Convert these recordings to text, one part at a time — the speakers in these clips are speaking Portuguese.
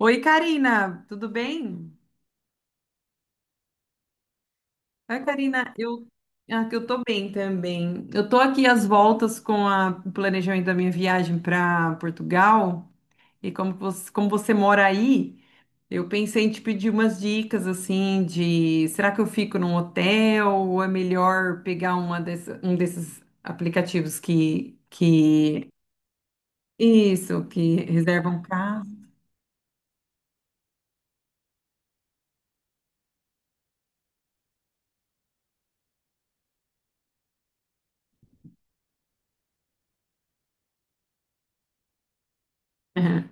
Oi, Karina, tudo bem? Oi, Karina, que eu tô bem também. Eu tô aqui às voltas com o planejamento da minha viagem para Portugal e como você mora aí, eu pensei em te pedir umas dicas assim de será que eu fico num hotel ou é melhor pegar uma um desses aplicativos que isso, que reservam casa?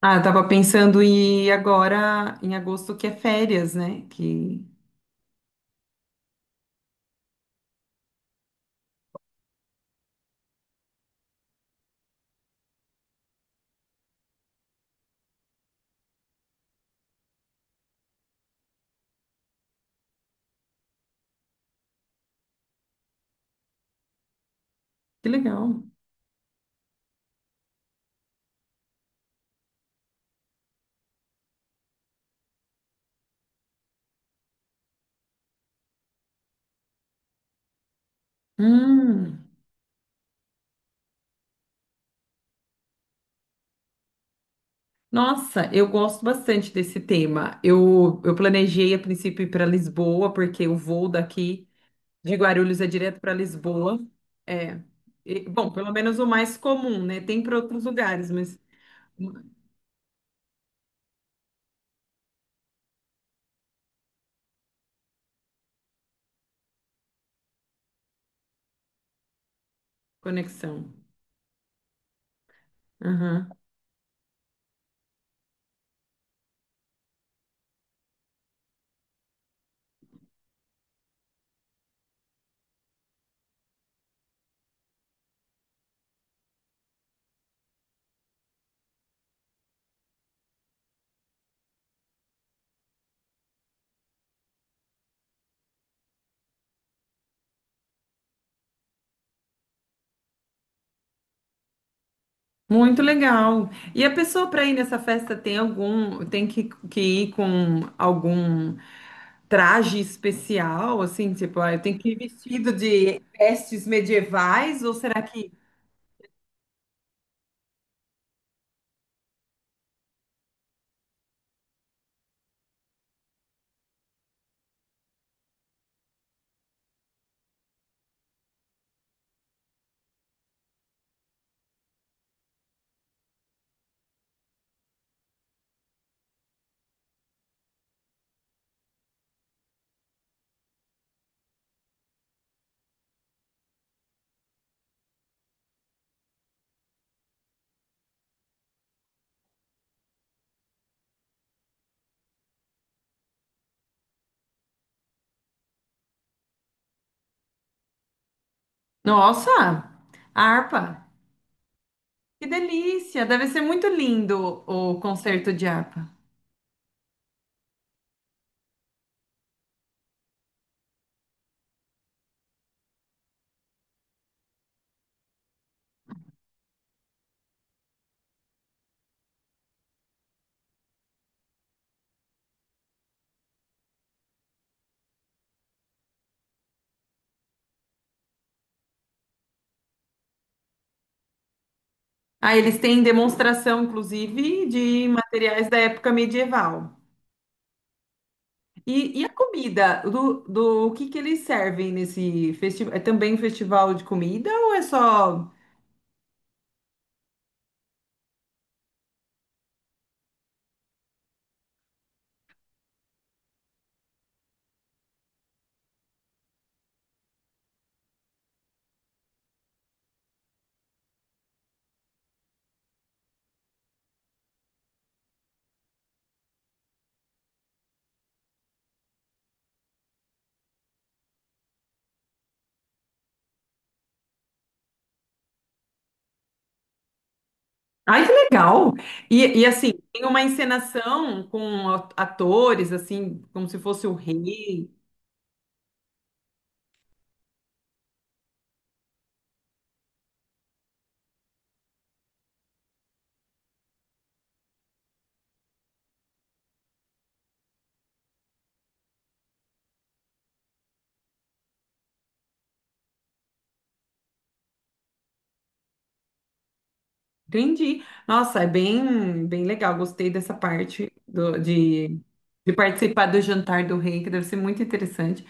Ah, eu tava pensando em ir agora em agosto que é férias, né? Que legal. Hum. Nossa, eu gosto bastante desse tema. Eu planejei a princípio ir para Lisboa, porque o voo daqui de Guarulhos é direto para Lisboa. É. E, bom, pelo menos o mais comum, né? Tem para outros lugares, mas hum, conexão. Muito legal. E a pessoa para ir nessa festa tem algum, tem que ir com algum traje especial, assim, tipo, ah, eu tenho que ir vestido de vestes medievais, ou será que... Nossa, harpa! Que delícia! Deve ser muito lindo o concerto de harpa. Ah, eles têm demonstração, inclusive, de materiais da época medieval. E a comida, do o que que eles servem nesse festival? É também um festival de comida ou é só... Ai, que legal! E assim, tem uma encenação com atores, assim, como se fosse o rei. Entendi. Nossa, é bem, bem legal. Gostei dessa parte de participar do jantar do rei, que deve ser muito interessante.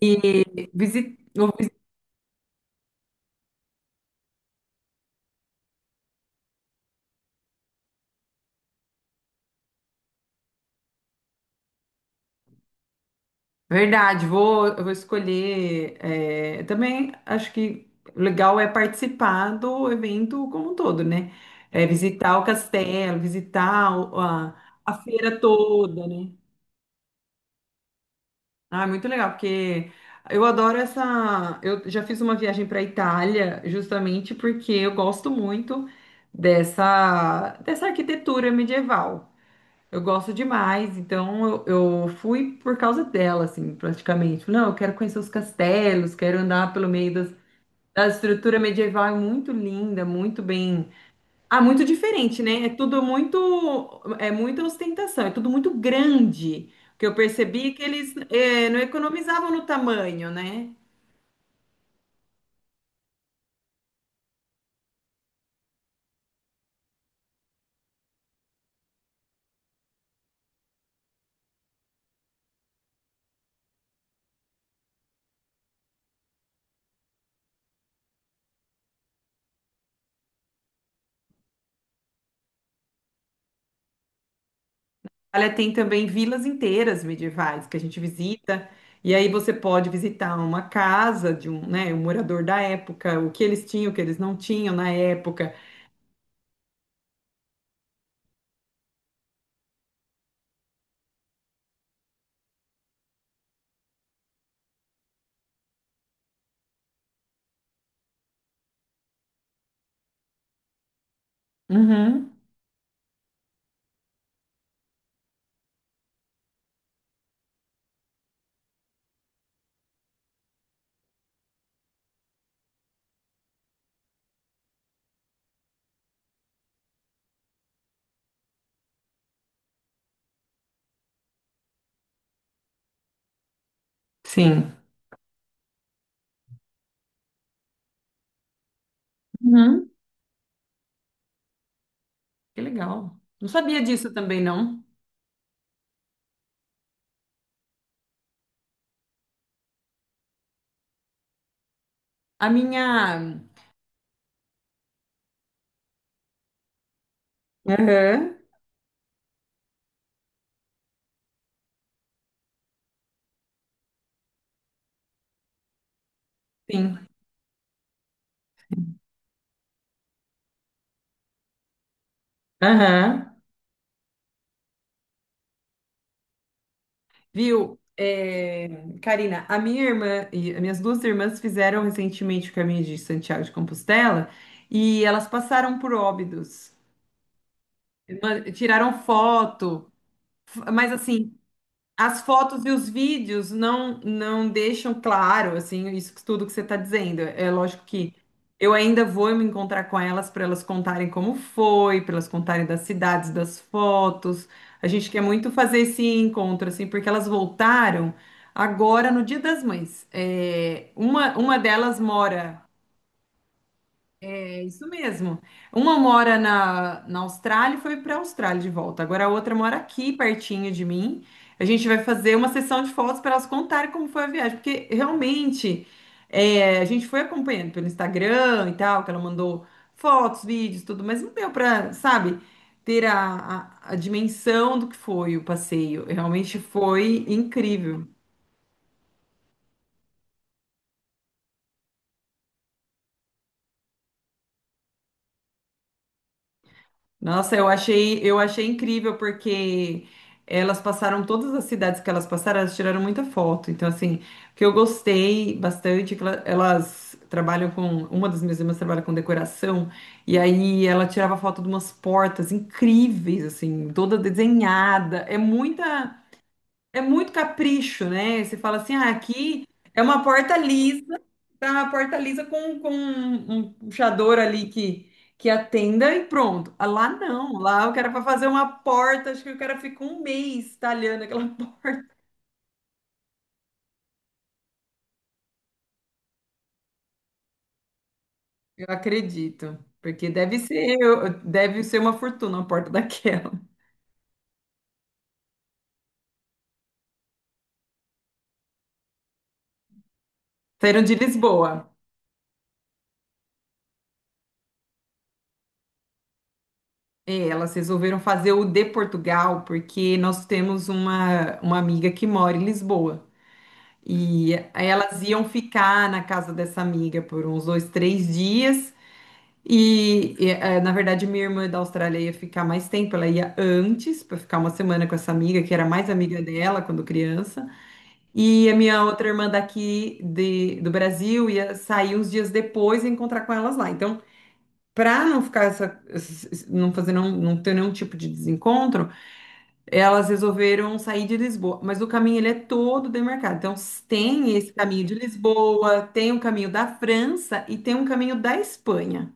E visit, Verdade, eu vou escolher. É, também acho que legal é participar do evento como um todo, né? É, visitar o castelo, visitar a feira toda, né? Ah, é muito legal, porque eu adoro essa. Eu já fiz uma viagem para a Itália justamente porque eu gosto muito dessa arquitetura medieval. Eu gosto demais, então eu fui por causa dela, assim, praticamente. Falei, não, eu quero conhecer os castelos, quero andar pelo meio das, da estrutura medieval, é muito linda, muito bem. Ah, muito diferente, né? É tudo muito, é muita ostentação, é tudo muito grande. O que eu percebi é que eles não economizavam no tamanho, né? Itália tem também vilas inteiras medievais que a gente visita, e aí você pode visitar uma casa de um, né, um morador da época, o que eles tinham, o que eles não tinham na época. Uhum, sim. Uhum, que legal. Não sabia disso também, não. A minha. Aham, sim. Aham. Viu? É, Karina, a minha irmã e as minhas duas irmãs fizeram recentemente o caminho de Santiago de Compostela e elas passaram por Óbidos. Ma- Tiraram foto, f- mas assim, as fotos e os vídeos não não deixam claro, assim, isso tudo que você está dizendo. É lógico que eu ainda vou me encontrar com elas para elas contarem como foi, para elas contarem das cidades, das fotos. A gente quer muito fazer esse encontro, assim, porque elas voltaram agora no Dia das Mães. É, uma delas mora é isso mesmo. Uma mora na Austrália e foi para a Austrália de volta. Agora a outra mora aqui, pertinho de mim. A gente vai fazer uma sessão de fotos para elas contarem como foi a viagem, porque realmente é, a gente foi acompanhando pelo Instagram e tal, que ela mandou fotos, vídeos, tudo, mas não deu para, sabe, ter a dimensão do que foi o passeio. Realmente foi incrível. Nossa, eu achei incrível porque elas passaram todas as cidades que elas passaram, elas tiraram muita foto. Então, assim, o que eu gostei bastante é que elas trabalham com, uma das minhas irmãs trabalha com decoração, e aí ela tirava foto de umas portas incríveis, assim, toda desenhada. É muita é muito capricho, né? Você fala assim, ah, aqui é uma porta lisa, tá uma porta lisa com um puxador ali que atenda e pronto. Ah, lá não, lá o cara para fazer uma porta, acho que o cara fica um mês talhando aquela porta. Eu acredito, porque deve ser uma fortuna a porta daquela. Saíram de Lisboa. É, elas resolveram fazer o de Portugal, porque nós temos uma amiga que mora em Lisboa. E aí elas iam ficar na casa dessa amiga por uns dois, três dias. Na verdade, minha irmã da Austrália ia ficar mais tempo. Ela ia antes para ficar uma semana com essa amiga, que era mais amiga dela quando criança. E a minha outra irmã daqui do Brasil ia sair uns dias depois e encontrar com elas lá. Então, para não ficar essa, não fazer não, não ter nenhum tipo de desencontro, elas resolveram sair de Lisboa, mas o caminho ele é todo demarcado. Então, s- tem esse caminho de Lisboa, tem o caminho da França e tem um caminho da Espanha.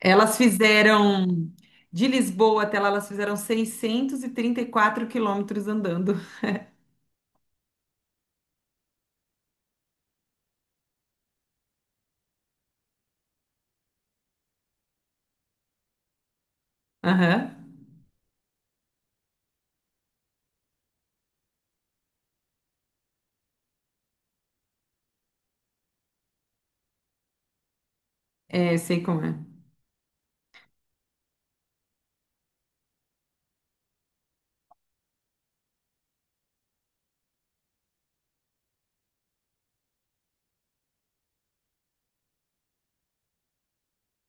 Elas fizeram de Lisboa até lá, elas fizeram 634 quilômetros andando. Aham. É, sei como é.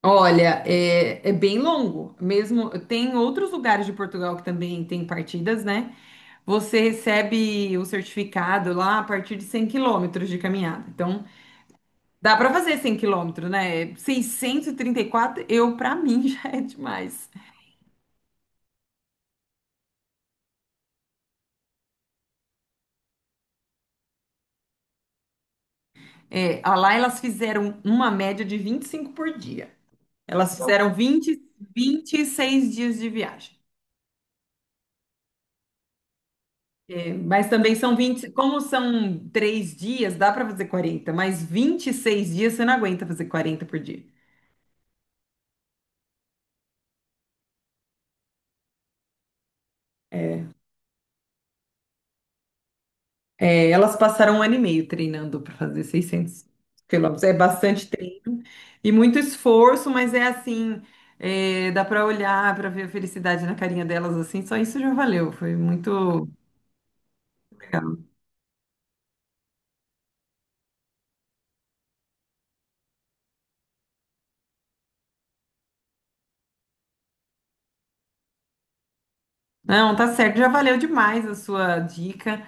Olha, é, é bem longo. Mesmo tem outros lugares de Portugal que também tem partidas, né? Você recebe o certificado lá a partir de 100 quilômetros de caminhada. Então, dá pra fazer 100 quilômetros, né? Seiscentos e trinta e quatro, eu, pra mim, já é demais. É, a lá elas fizeram uma média de 25 por dia. Elas fizeram 26 dias de viagem. É, mas também são 20, como são três dias, dá pra fazer 40. Mas 26 dias você não aguenta fazer 40 por dia. É, elas passaram um ano e meio treinando pra fazer 600 quilômetros. É bastante e muito esforço, mas é assim, é, dá pra olhar, pra ver a felicidade na carinha delas assim, só isso já valeu, foi muito legal. Não, tá certo, já valeu demais a sua dica.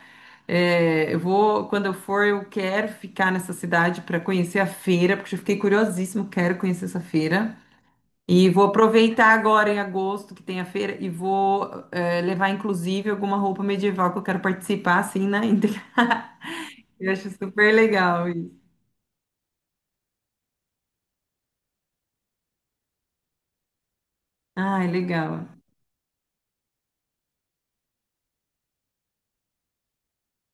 É, eu vou, quando eu for, eu quero ficar nessa cidade para conhecer a feira, porque eu fiquei curiosíssimo, quero conhecer essa feira. E vou aproveitar agora em agosto que tem a feira e vou levar inclusive alguma roupa medieval que eu quero participar assim na íntegra. Eu acho super legal isso. Ai, legal.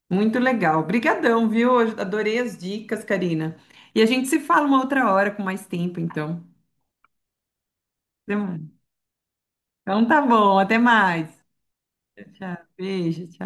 Muito legal. Obrigadão, viu? Eu adorei as dicas, Karina. E a gente se fala uma outra hora com mais tempo, então. Até mais. Então tá bom, até mais. Tchau, tchau. Beijo, tchau.